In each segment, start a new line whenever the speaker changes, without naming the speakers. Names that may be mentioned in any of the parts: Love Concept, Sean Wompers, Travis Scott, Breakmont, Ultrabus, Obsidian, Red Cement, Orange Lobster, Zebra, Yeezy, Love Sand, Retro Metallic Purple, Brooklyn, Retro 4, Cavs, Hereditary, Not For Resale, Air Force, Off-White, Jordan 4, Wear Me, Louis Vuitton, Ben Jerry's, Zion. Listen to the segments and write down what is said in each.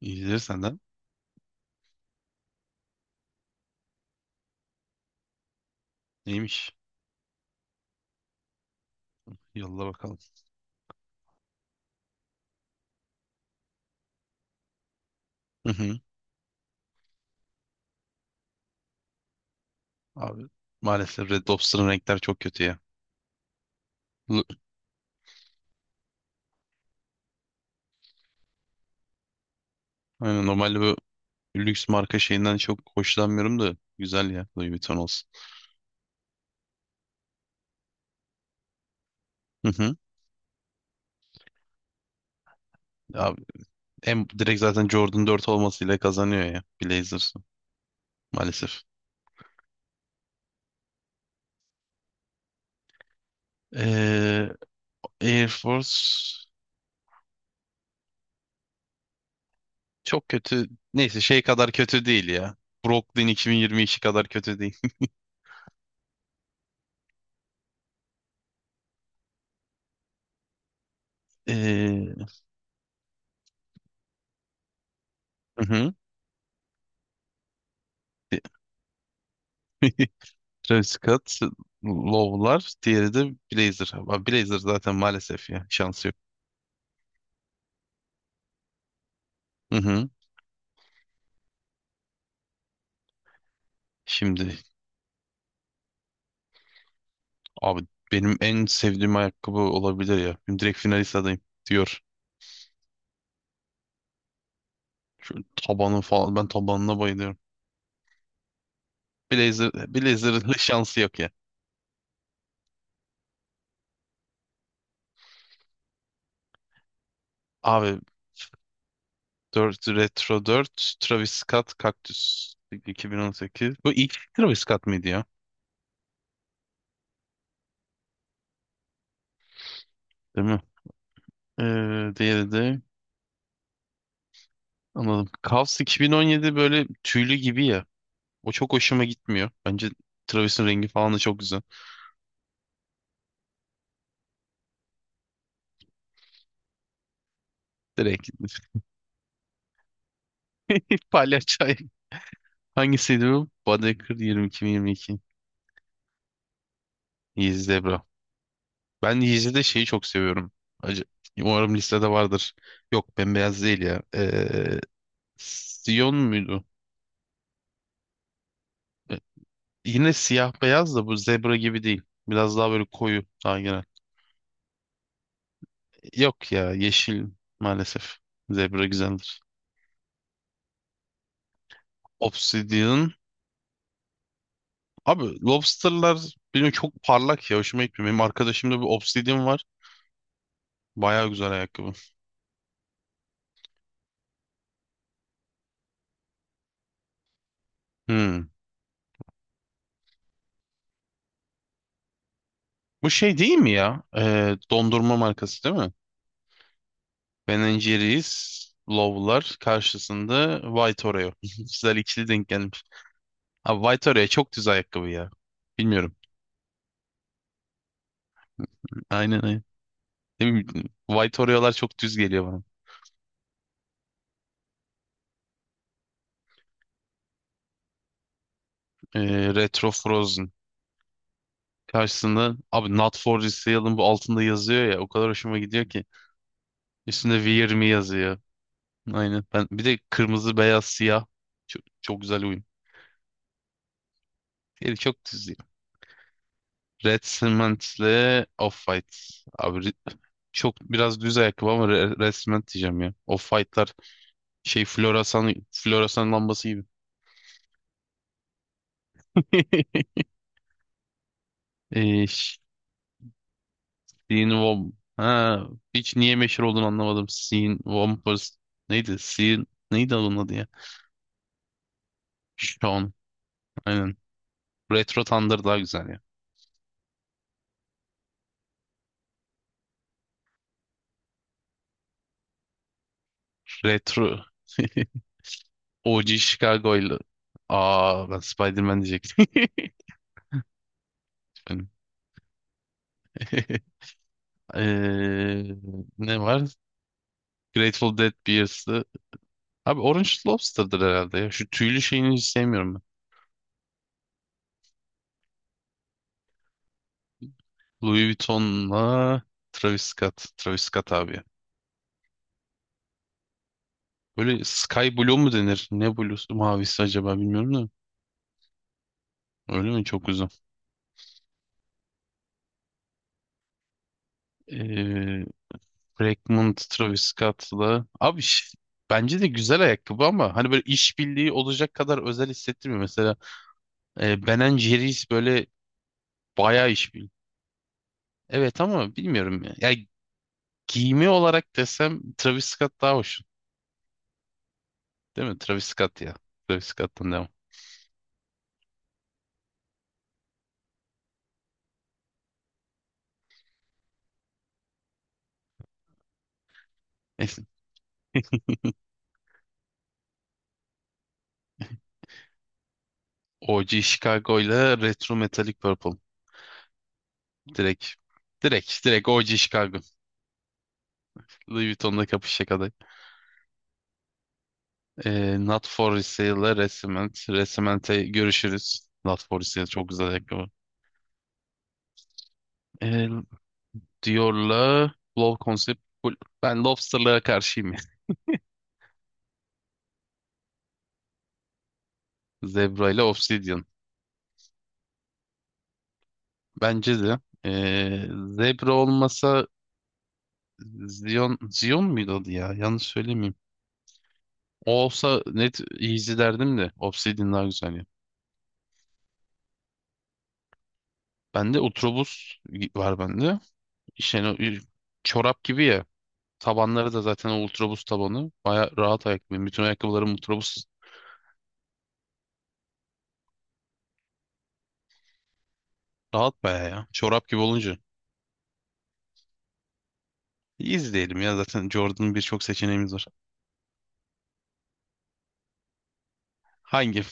İyidir senden. Neymiş? Yolla bakalım. Hı hı. Abi maalesef Red Lobster'ın renkler çok kötü ya. Lu- Aynen, normalde bu lüks marka şeyinden çok hoşlanmıyorum da güzel ya Louis Vuitton olsun. Hı hı. Abi en direkt zaten Jordan 4 olmasıyla kazanıyor ya Blazers'ı maalesef. Ee, Air Force çok kötü. Neyse şey kadar kötü değil ya. Brooklyn 2022 kadar kötü değil. Ee, hı hı. Travis Scott, Low'lar, diğeri de Blazer. Ama Blazer zaten maalesef ya. Şansı yok. Hı hı. Şimdi abi benim en sevdiğim ayakkabı olabilir ya. Benim direkt finalist adayım diyor. Tabanı falan ben tabanına bayılıyorum. Blazer Blazer'ın şansı yok ya. Abi 4 Retro 4 Travis Scott Cactus 2018. Bu ilk Travis Scott mıydı ya? Değil mi? Diğeri de anladım. Cavs 2017 böyle tüylü gibi ya. O çok hoşuma gitmiyor. Bence Travis'in rengi falan da çok güzel. Direkt. Palyaçay. Ayak. Hangisiydi bu? Baedeker 22 mi 22? Yeezy Zebra. Ben Yeezy'de şeyi çok seviyorum. Acı. Umarım listede vardır. Yok bembeyaz değil ya. Sion muydu? Ee, Yine siyah beyaz da bu zebra gibi değil. Biraz daha böyle koyu daha genel. Yok ya yeşil maalesef. Zebra güzeldir. Obsidian. Abi lobsterlar benim çok parlak ya hoşuma gitmiyor. Benim arkadaşımda bir Obsidian var. Baya güzel ayakkabı. Hmm. Bu şey değil mi ya? Dondurma markası değil mi? Ben Jerry's Low'lar karşısında White Oreo. Güzel ikili denk gelmiş. Abi White Oreo çok düz ayakkabı ya. Bilmiyorum. Aynen aynen. Ne bileyim, White Oreo'lar çok düz geliyor bana. Retro Frozen. Karşısında abi Not For Resale'ın bu altında yazıyor ya o kadar hoşuma gidiyor ki. Üstünde Wear Me yazıyor. Aynen. Ben bir de kırmızı, beyaz, siyah çok, çok güzel uyum. Diğeri çok düz ya. Red Cement'le Off-White. Abi çok biraz düz ayakkabı ama Red Cement diyeceğim ya. Off-White'lar şey floresan lambası gibi. Ee, ş- Sean Wom. Ha, hiç niye meşhur olduğunu anlamadım. Sean Wompers. Neydi? Sean neydi onun adı ya? Sean. Aynen. Retro Thunder daha güzel ya. Retro. OG Chicago'yla. Aa ben Spider-Man diyecektim. Benim. Eee, ne var? Grateful Dead Beers'ı. Abi Orange Lobster'dır herhalde ya. Şu tüylü şeyini hiç sevmiyorum ben. Louis Vuitton'la Travis Scott. Travis Scott abi ya. Böyle Sky Blue mu denir? Ne blue'su mavisi acaba bilmiyorum da. Öyle mi? Çok güzel. Eee Breakmont Travis Scott'la. Abi bence de güzel ayakkabı ama hani böyle işbirliği olacak kadar özel hissettirmiyor. Mesela Ben and Jerry's böyle bayağı iş bil. Evet ama bilmiyorum ya. Ya giyimi olarak desem Travis Scott daha hoş. Değil mi? Travis Scott ya. Travis Scott'tan devam. Neyse. OG Chicago ile Retro Metallic Purple. Direkt. Direkt. Direkt OG Chicago. Louis Vuitton'la kapışacak aday. Not For Sale ile Resiment. Resiment'e görüşürüz. Not For Sale çok güzel ayakkabı. E, Dior'la Love Concept. Cool. Ben Lobster'lara karşıyım ya. Zebra ile Obsidian. Bence de. Zebra olmasa Zion, Zion muydu adı ya? Yanlış söylemeyeyim. O olsa net Easy derdim de. Obsidian daha güzel ya. Bende Ultrabus var bende. İşte hani çorap gibi ya. Tabanları da zaten o Ultrabus tabanı. Baya rahat ayakkabı. Bütün ayakkabılarım Ultrabus rahat baya ya. Çorap gibi olunca. Easy diyelim ya zaten Jordan'ın birçok seçeneğimiz var. Hangi?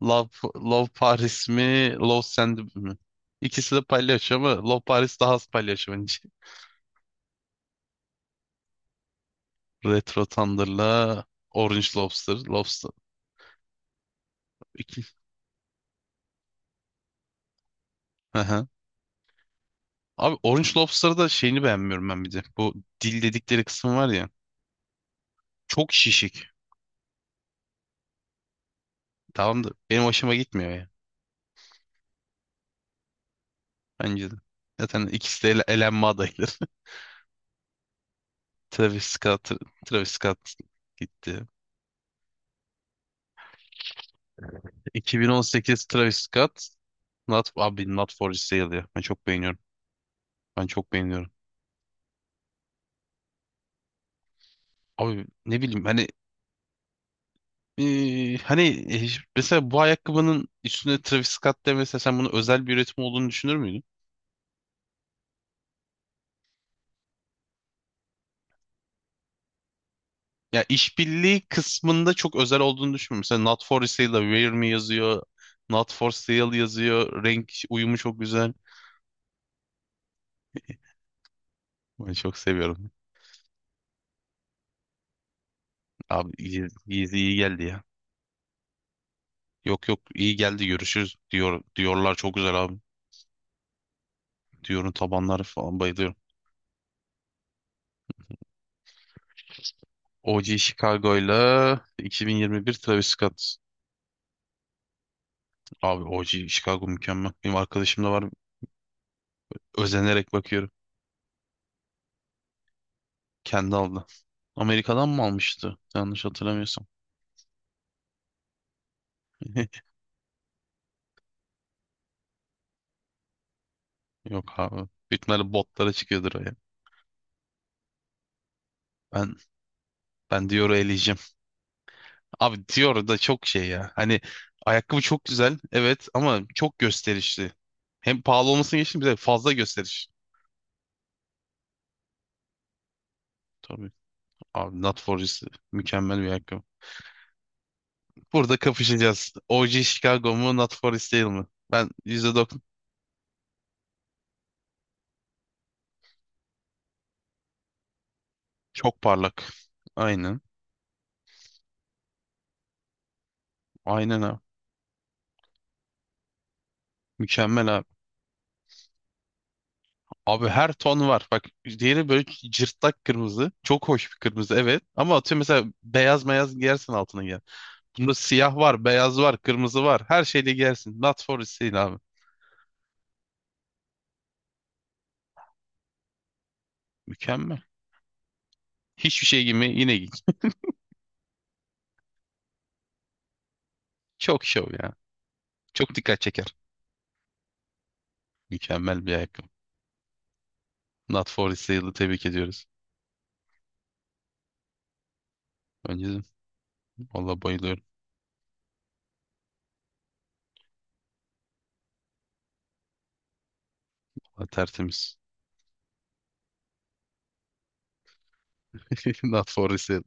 Love, Love Paris mi? Love Sand mi? İkisi de palyaço ama Love Paris daha az palyaço bence. Retro Thunder'la Orange Lobster. Lobster. iki- Hı. Abi Orange Lobster'da şeyini beğenmiyorum ben bir de. Bu dil dedikleri kısım var ya. Çok şişik. Tamam da benim hoşuma gitmiyor ya. Bence de. Zaten ikisi de elenme adayları. Travis Scott, Travis Scott gitti. 2018 Travis Scott. Not, abi Not For Sale ya. Ben çok beğeniyorum. Ben çok beğeniyorum. Abi ne bileyim hani eee, hani e, mesela bu ayakkabının üstüne Travis Scott demese sen bunu özel bir üretim olduğunu düşünür müydün? Ya işbirliği kısmında çok özel olduğunu düşünmüyorum. Mesela Not for Sale'da Wear Me yazıyor. Not for Sale yazıyor. Renk uyumu çok güzel. Ben çok seviyorum. Abi iyi, iyi, iyi geldi ya. Yok yok iyi geldi görüşürüz diyor diyorlar çok güzel abi. Diyorum tabanları falan bayılıyorum. OG Chicago'yla 2021 Travis Scott. Abi OG Chicago mükemmel. Benim arkadaşım da var. Özenerek bakıyorum. Kendi aldı. Amerika'dan mı almıştı? Yanlış hatırlamıyorsam. Yok abi. Büyük ihtimalle botlara çıkıyordur o ya. Ben ben Dior'u eleyeceğim. Abi Dior da çok şey ya. Hani ayakkabı çok güzel. Evet ama çok gösterişli. Hem pahalı olmasını geçtim bir de fazla gösteriş. Tabii. Abi Not For Resale mükemmel bir ayakkabı. Burada kapışacağız. OG Chicago mu Not For Resale mi? Ben %90 çok parlak. Aynen. Aynen abi. Mükemmel abi. Abi her ton var. Bak diğeri böyle cırtlak kırmızı. Çok hoş bir kırmızı evet. Ama atıyorum mesela beyaz beyaz giyersin altına gel. Bunda siyah var, beyaz var, kırmızı var. Her şeyle giyersin. Not for sale abi. Mükemmel. Hiçbir şey giyme yine giy. Çok şov ya. Çok dikkat çeker. Mükemmel bir ayakkabı. Not for sale'ı tebrik ediyoruz. Önceden. Valla bayılıyorum. Valla tertemiz. Not for sale.